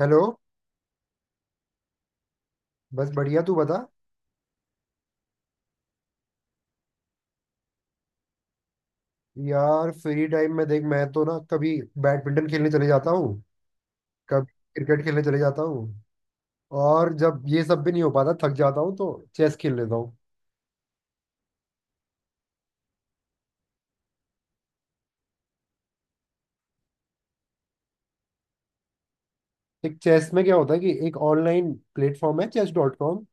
Hello. बस बढ़िया, तू बता। यार फ्री टाइम में देख मैं तो ना कभी बैडमिंटन खेलने चले जाता हूँ, कभी क्रिकेट खेलने चले जाता हूँ, और जब ये सब भी नहीं हो पाता, थक जाता हूँ तो चेस खेल लेता हूँ। एक चेस में क्या होता है कि एक ऑनलाइन प्लेटफॉर्म है chess.com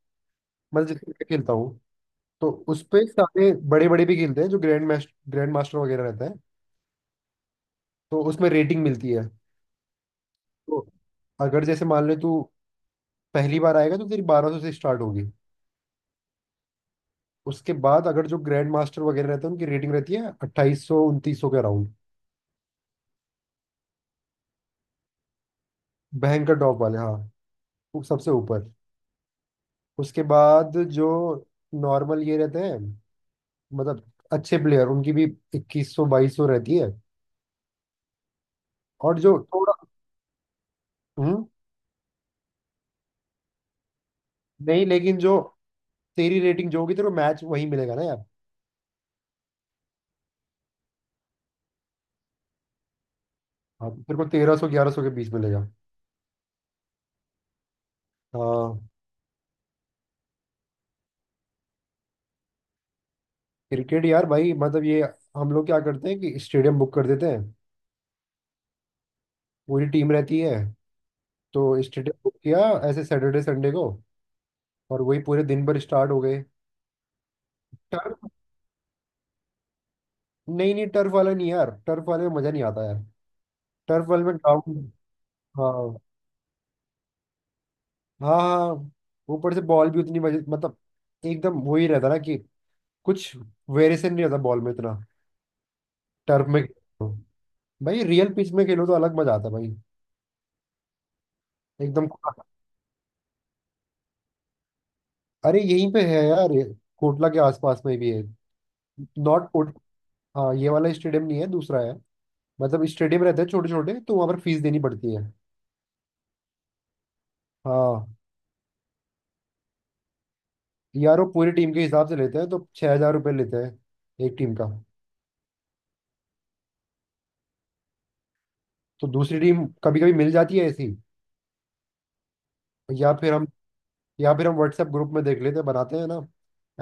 मैं जिसपे मैं खेलता हूँ। तो उस पे सारे बड़े बड़े भी खेलते हैं जो ग्रैंड मास्टर वगैरह रहते हैं। तो उसमें रेटिंग मिलती है। तो अगर जैसे मान ले तू पहली बार आएगा तो तेरी 1200 से स्टार्ट होगी। उसके बाद अगर जो ग्रैंड मास्टर वगैरह रहते हैं उनकी रेटिंग रहती है 2800 2900 के अराउंड। भयंकर टॉप वाले, हाँ। वो सबसे ऊपर। उसके बाद जो नॉर्मल ये रहते हैं, मतलब अच्छे प्लेयर, उनकी भी 2100 2200 रहती है। और जो थोड़ा। हम्म। नहीं लेकिन जो तेरी रेटिंग जो होगी तेरे को मैच वही मिलेगा ना यार। हाँ, तेरे को 1300 1100 के बीच मिलेगा। हाँ। क्रिकेट यार भाई मतलब ये हम लोग क्या करते हैं कि स्टेडियम बुक कर देते हैं। पूरी टीम रहती है। तो स्टेडियम बुक किया, ऐसे सैटरडे संडे को, और वही पूरे दिन भर स्टार्ट हो गए। टर्फ। नहीं नहीं, टर्फ वाला नहीं यार, टर्फ वाले में मजा नहीं आता यार। टर्फ वाले में ग्राउंड, हाँ हाँ हाँ, ऊपर से बॉल भी उतनी मजे मतलब एकदम वो ही रहता ना कि कुछ वेरिएशन नहीं रहता बॉल में इतना। टर्फ में खेलो। भाई रियल पिच में खेलो तो अलग मजा आता है भाई। एकदम खुला। अरे यहीं पे है यार ये, कोटला के आसपास में भी है। नॉट कोट, हाँ ये वाला स्टेडियम नहीं है, दूसरा है। मतलब स्टेडियम रहते हैं छोटे छोटे तो वहां पर फीस देनी पड़ती है। हाँ। यार वो पूरी टीम के हिसाब से लेते हैं तो 6000 रुपये लेते हैं एक टीम का। तो दूसरी टीम कभी कभी मिल जाती है ऐसी, या फिर हम या फिर हम व्हाट्सएप ग्रुप में देख लेते हैं, बनाते हैं ना,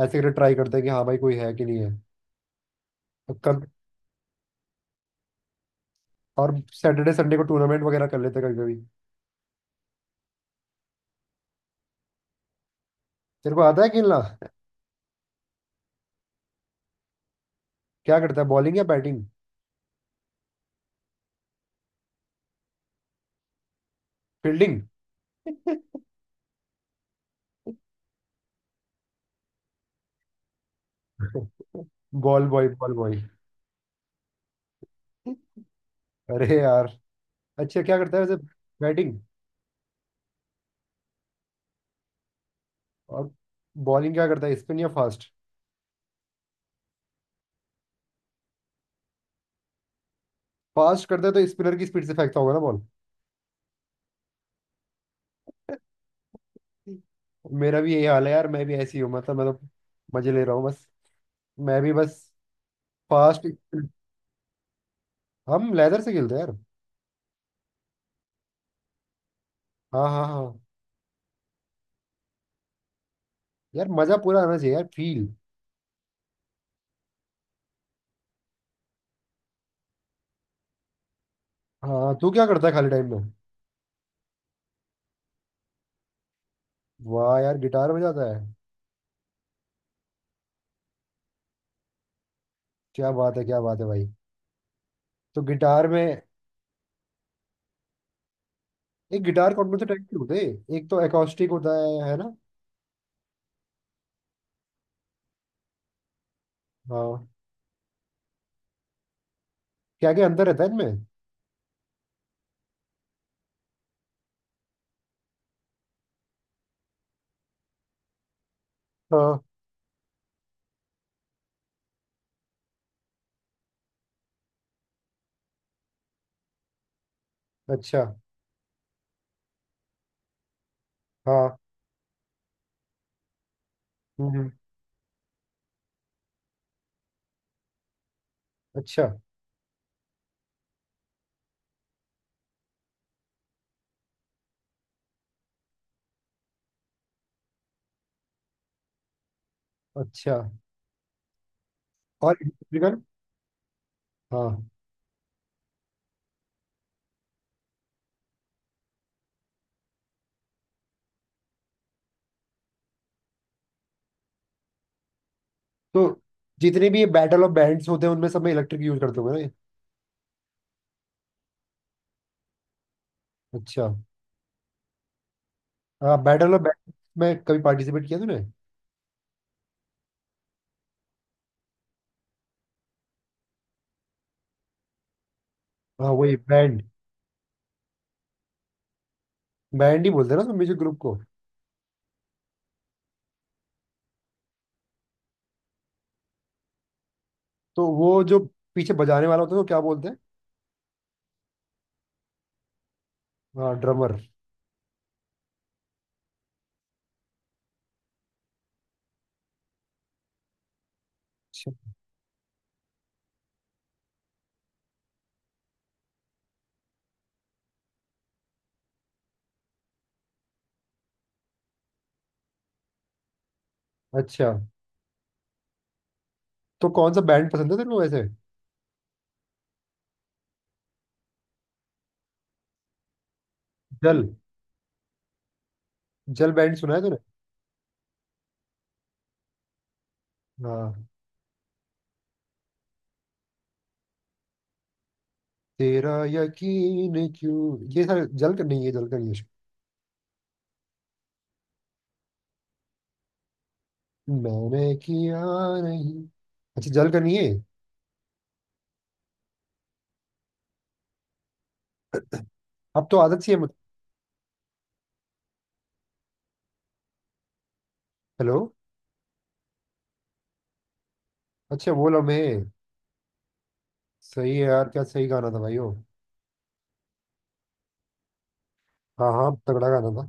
ऐसे करके ट्राई करते हैं कि हाँ भाई कोई है कि नहीं है। तो कब, और सैटरडे संडे को टूर्नामेंट वगैरह कर लेते हैं कभी कभी। तेरे को आता है खेलना? क्या करता है, बॉलिंग या batting? Fielding? Ball boy, ball boy. अरे यार, अच्छा क्या करता है वैसे, बैटिंग? और बॉलिंग क्या करता है, स्पिन या फास्ट? फास्ट करता है तो स्पिनर की स्पीड से फेंकता होगा ना। मेरा भी यही हाल है यार, मैं भी ऐसी हूँ, मतलब मैं तो मजे ले रहा हूँ बस, मैं भी बस। फास्ट। हम लेदर से खेलते हैं यार। हाँ हाँ हाँ। यार मजा पूरा आना चाहिए यार, फील। हाँ, तू क्या करता है खाली टाइम में? वाह यार, गिटार बजाता है। क्या बात है, क्या बात है भाई। तो गिटार में एक गिटार कौन कौन से टाइप के होते हैं, एक तो एकॉस्टिक होता है ना। हाँ। क्या क्या अंतर रहता है इनमें? हाँ। अच्छा। हाँ। हम्म हम्म, अच्छा। अच्छा। और इलेक्ट्रिकल। हाँ। तो जितने भी ये बैटल ऑफ बैंड्स होते हैं उनमें सब में इलेक्ट्रिक यूज करते होंगे ना ये? अच्छा। हाँ बैटल ऑफ बैंड में कभी पार्टिसिपेट किया तूने? हाँ वही बैंड, बैंड ही बोलते हैं ना म्यूजिक ग्रुप को। तो वो जो पीछे बजाने वाला होता है वो क्या बोलते हैं? हाँ, ड्रमर। अच्छा, अच्छा, तो कौन सा बैंड पसंद है तेरे को वैसे? जल। जल बैंड सुना है तूने? हाँ। तेरा यकीन क्यों, ये सारे जल का नहीं है, जल का नहीं है शायद। मैंने किया। नहीं। अच्छा, जल का नहीं है। अब तो आदत सी है मुझे। हेलो। अच्छा, वो लम्हे। सही है यार, क्या सही गाना था भाई वो। हाँ हाँ, तगड़ा गाना था।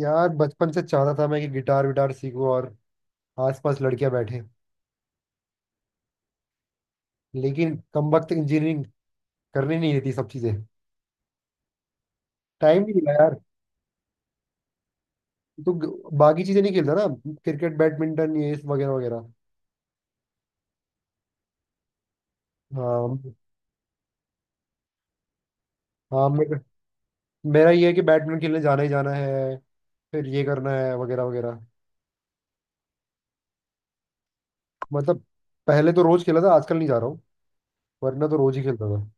यार बचपन से चाहता था मैं कि गिटार विटार सीखूं और आसपास लड़कियां बैठे, लेकिन कमबख्त इंजीनियरिंग करने नहीं देती सब चीजें। टाइम नहीं मिला यार। तो बाकी चीजें नहीं खेलता ना, क्रिकेट बैडमिंटन ये वगैरह वगैरह। हाँ। हाँ मेरा मेरा ये है कि बैडमिंटन खेलने जाना ही जाना है, फिर ये करना है वगैरह वगैरह। मतलब पहले तो रोज खेला था, आजकल नहीं जा रहा हूँ। वरना तो रोज ही खेलता था।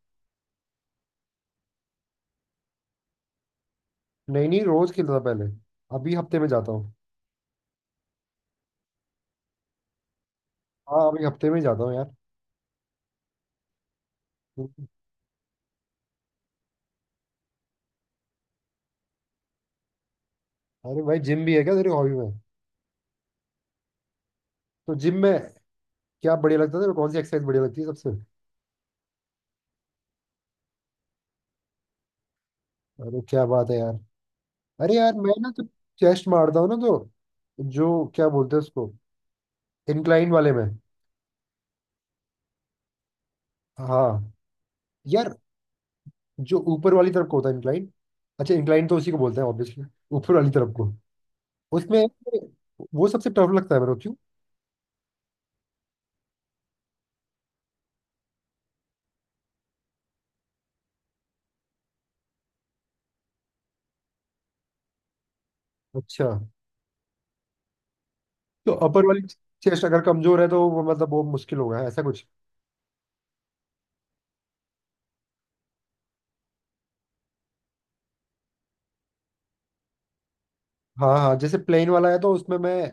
नहीं नहीं, रोज खेलता था पहले। अभी हफ्ते में जाता हूँ। हाँ, अभी हफ्ते में ही जाता हूँ यार। अरे भाई, जिम भी है क्या तेरी हॉबी में? तो जिम में क्या बढ़िया लगता है तेरे को? कौन सी एक्सरसाइज बढ़िया लगती है सबसे? अरे क्या बात है यार। अरे यार मैं ना तो चेस्ट मारता हूँ, ना तो जो क्या बोलते हैं उसको, इंक्लाइन वाले में। हाँ। यार जो ऊपर वाली तरफ को होता है इंक्लाइन, अच्छा इंक्लाइन तो उसी को बोलते हैं ऑब्वियसली, ऊपर वाली तरफ को। उसमें वो सबसे टफ लगता है मेरे को, क्यों? अच्छा, तो अपर वाली चेस्ट अगर कमजोर है तो वो, मतलब वो मुश्किल होगा ऐसा कुछ? हाँ हाँ, जैसे प्लेन वाला है तो उसमें मैं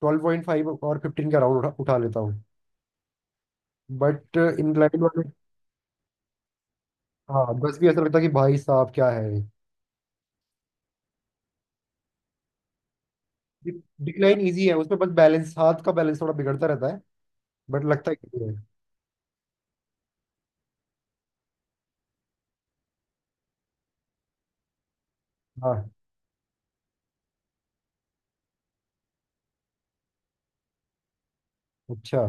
12.5 और 15 का राउंड उठा, उठा लेता हूँ। बट इंक्लाइन वाले, हाँ, बस भी ऐसा लगता है कि भाई साहब क्या है। डिक्लाइन इजी है, उसमें बस बैलेंस, हाथ का बैलेंस थोड़ा बिगड़ता रहता है। बट लगता है कि है। हाँ। अच्छा।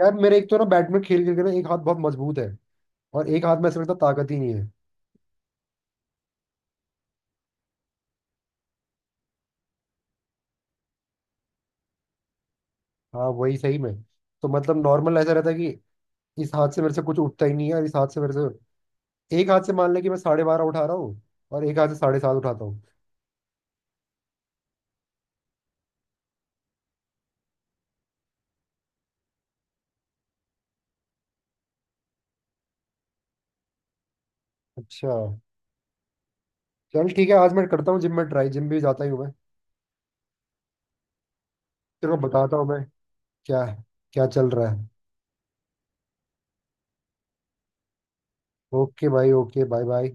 यार मेरे एक तो ना बैडमिंटन खेल खेल के ना एक हाथ बहुत मजबूत है, और एक हाथ में ऐसा लगता है ताकत ही नहीं है। हाँ वही सही में, तो मतलब नॉर्मल ऐसा रहता है कि इस हाथ से मेरे से कुछ उठता ही नहीं है, और इस हाथ से मेरे से, एक हाथ से मान लें कि मैं 12.5 उठा रहा हूँ और एक हाथ से 7.5 उठाता हूँ। अच्छा। चल ठीक है, आज मैं करता हूँ जिम में ट्राई, जिम भी जाता ही हूँ मैं। तेरे को बताता हूँ मैं क्या क्या चल रहा है। ओके भाई, ओके, बाय बाय।